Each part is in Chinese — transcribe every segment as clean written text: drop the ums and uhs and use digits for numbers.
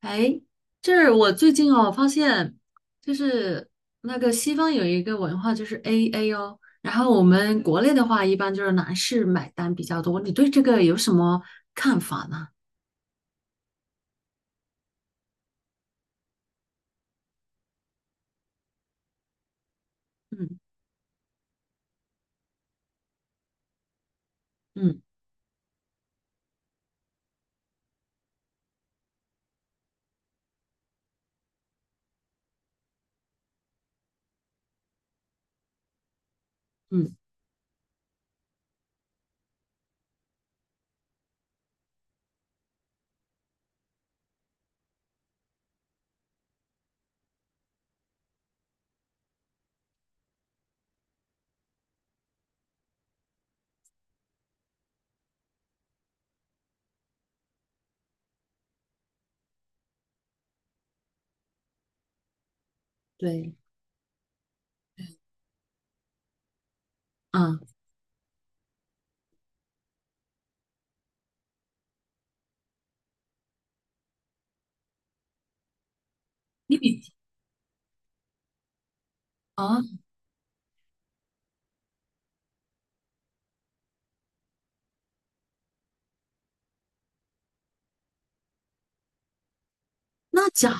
哎，这是我最近发现就是那个西方有一个文化就是 AA 哦，然后我们国内的话一般就是男士买单比较多，你对这个有什么看法呢？嗯嗯嗯，对，嗯，哦，那假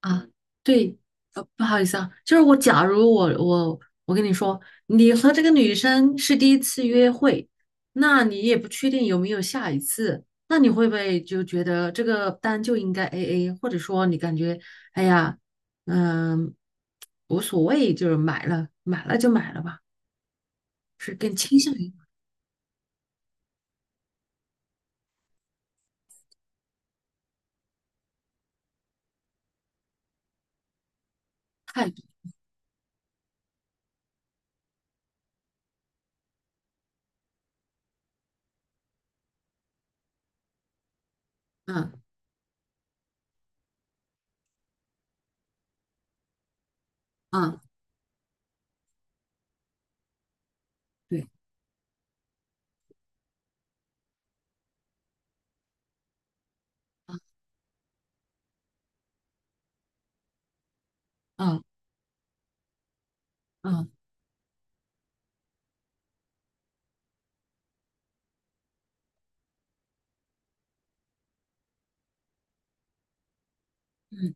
啊，对，不好意思啊，就是我，假如我跟你说，你和这个女生是第一次约会，那你也不确定有没有下一次，那你会不会就觉得这个单就应该 AA，或者说你感觉，哎呀，嗯，无所谓，就是买了买了就买了吧，是更倾向于态度，嗯嗯，对，嗯嗯嗯嗯，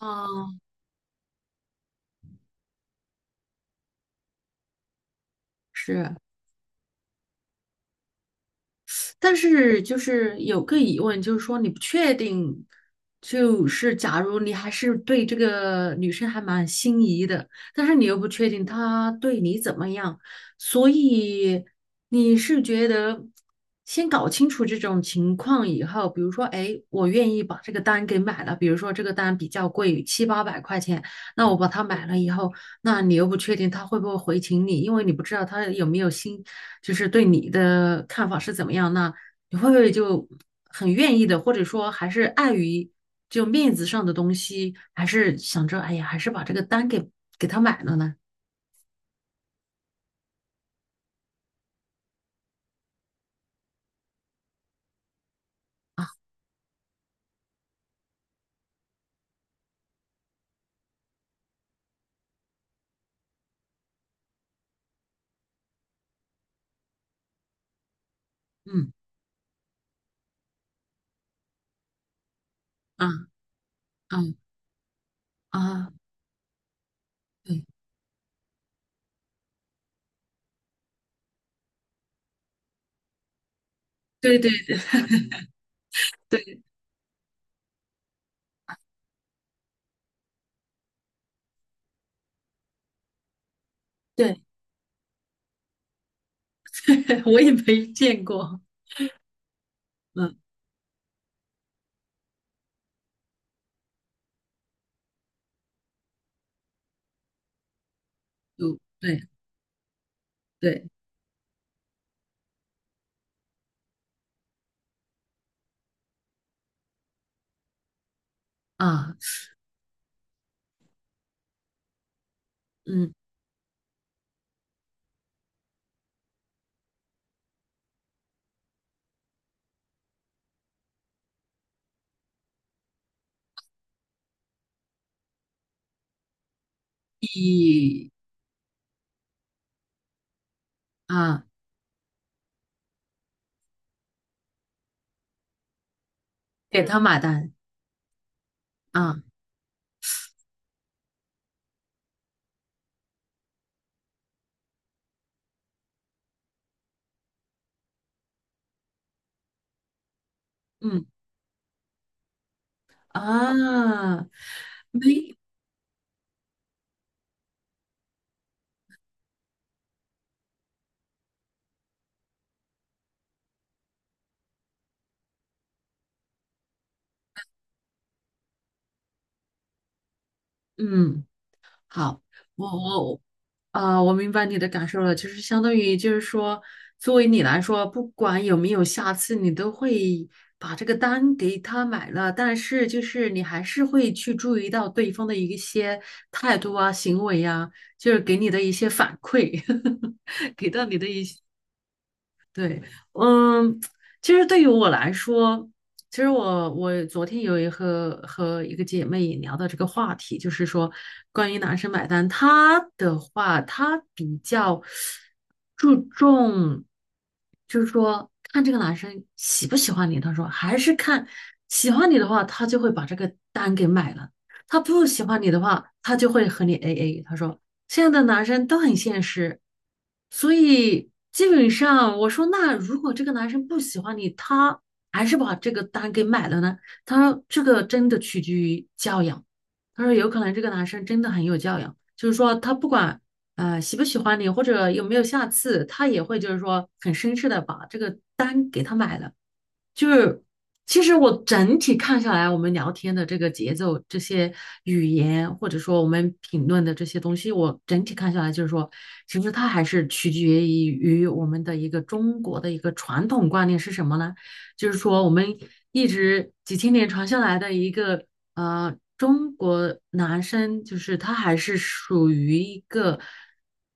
哦，是。但是就是有个疑问，就是说你不确定，就是假如你还是对这个女生还蛮心仪的，但是你又不确定她对你怎么样，所以你是觉得先搞清楚这种情况以后，比如说，哎，我愿意把这个单给买了，比如说这个单比较贵，七八百块钱，那我把它买了以后，那你又不确定他会不会回请你，因为你不知道他有没有心，就是对你的看法是怎么样。那你会不会就很愿意的，或者说还是碍于就面子上的东西，还是想着哎呀，还是把这个单给他买了呢？嗯啊嗯啊，对对对对对，我也没见过，嗯，就对对啊，嗯，以啊给他买单啊，嗯啊，没，嗯，好，我我我明白你的感受了，就是相当于就是说，作为你来说，不管有没有下次，你都会把这个单给他买了，但是就是你还是会去注意到对方的一些态度啊、行为呀、就是给你的一些反馈，给到你的一些。对，嗯，其实对于我来说，其实我昨天有一和一个姐妹也聊到这个话题，就是说关于男生买单，他的话他比较注重，就是说看这个男生喜不喜欢你，他说还是看喜欢你的话，他就会把这个单给买了。他不喜欢你的话，他就会和你 AA。他说现在的男生都很现实，所以基本上我说那如果这个男生不喜欢你，他还是把这个单给买了呢？他说这个真的取决于教养。他说有可能这个男生真的很有教养，就是说他不管喜不喜欢你或者有没有下次，他也会就是说很绅士的把这个单给他买了。就是其实我整体看下来，我们聊天的这个节奏、这些语言，或者说我们评论的这些东西，我整体看下来就是说，其实它还是取决于我们的一个中国的一个传统观念是什么呢？就是说我们一直几千年传下来的一个中国男生就是他还是属于一个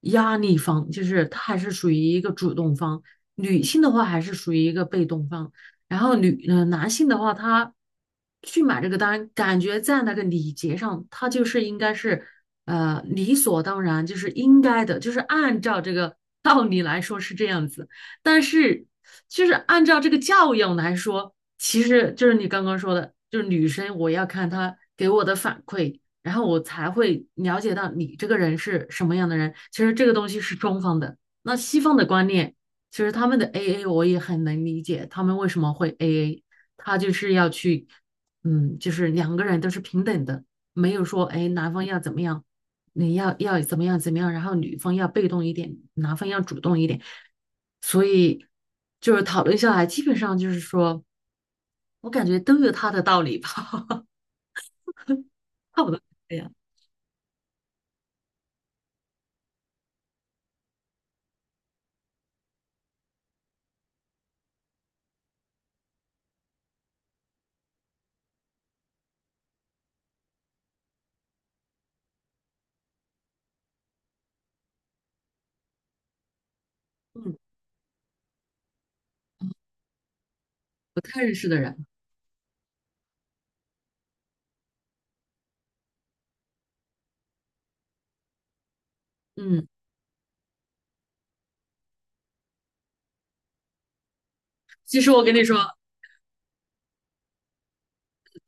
压力方，就是他还是属于一个主动方，女性的话还是属于一个被动方。然后男性的话，他去买这个单，感觉在那个礼节上，他就是应该是，理所当然，就是应该的，就是按照这个道理来说是这样子。但是，就是按照这个教养来说，其实就是你刚刚说的，就是女生我要看她给我的反馈，然后我才会了解到你这个人是什么样的人。其实这个东西是中方的，那西方的观念。其实他们的 AA 我也很能理解，他们为什么会 AA，他就是要去，嗯，就是两个人都是平等的，没有说哎男方要怎么样，你要怎么样怎么样，然后女方要被动一点，男方要主动一点，所以就是讨论下来，基本上就是说我感觉都有他的道理吧，差不多是这样，嗯，不太认识的人，嗯，其实我跟你说。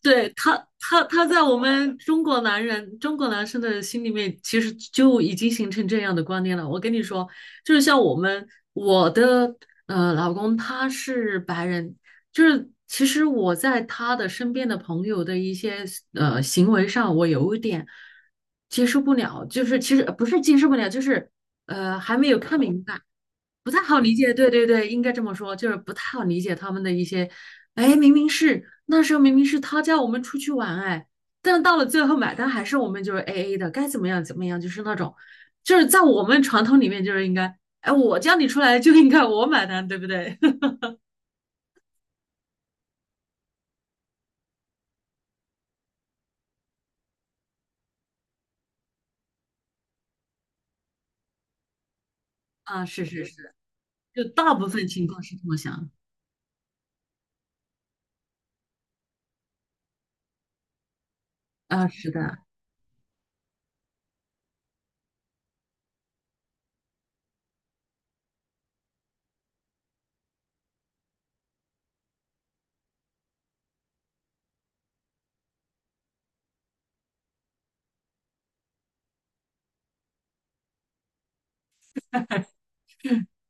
对他，他在我们中国男人、中国男生的心里面，其实就已经形成这样的观念了。我跟你说，就是像我们，我的老公他是白人，就是其实我在他的身边的朋友的一些行为上，我有一点接受不了，就是其实不是接受不了，就是还没有看明白。不太好理解，对对对，应该这么说，就是不太好理解他们的一些，哎，明明是那时候明明是他叫我们出去玩，哎，但到了最后买单还是我们就是 A A 的，该怎么样怎么样，就是那种，就是在我们传统里面就是应该，哎，我叫你出来就应该我买单，对不对？啊，是是是，就大部分情况是这么想啊，是的，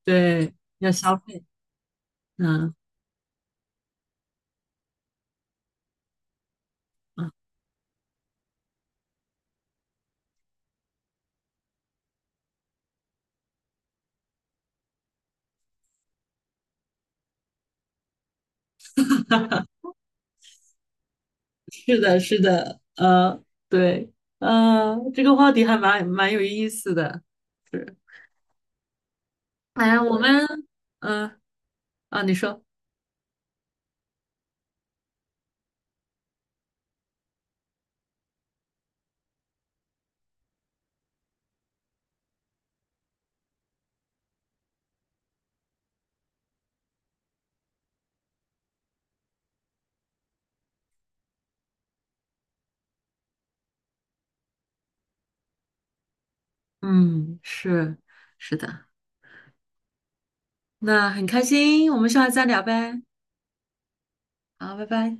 对，要消费，嗯嗯，是的，是的，对，这个话题还蛮有意思的，是。哎呀，我们，嗯，啊，你说，嗯，是，是的，那很开心，我们下次再聊呗，好，拜拜。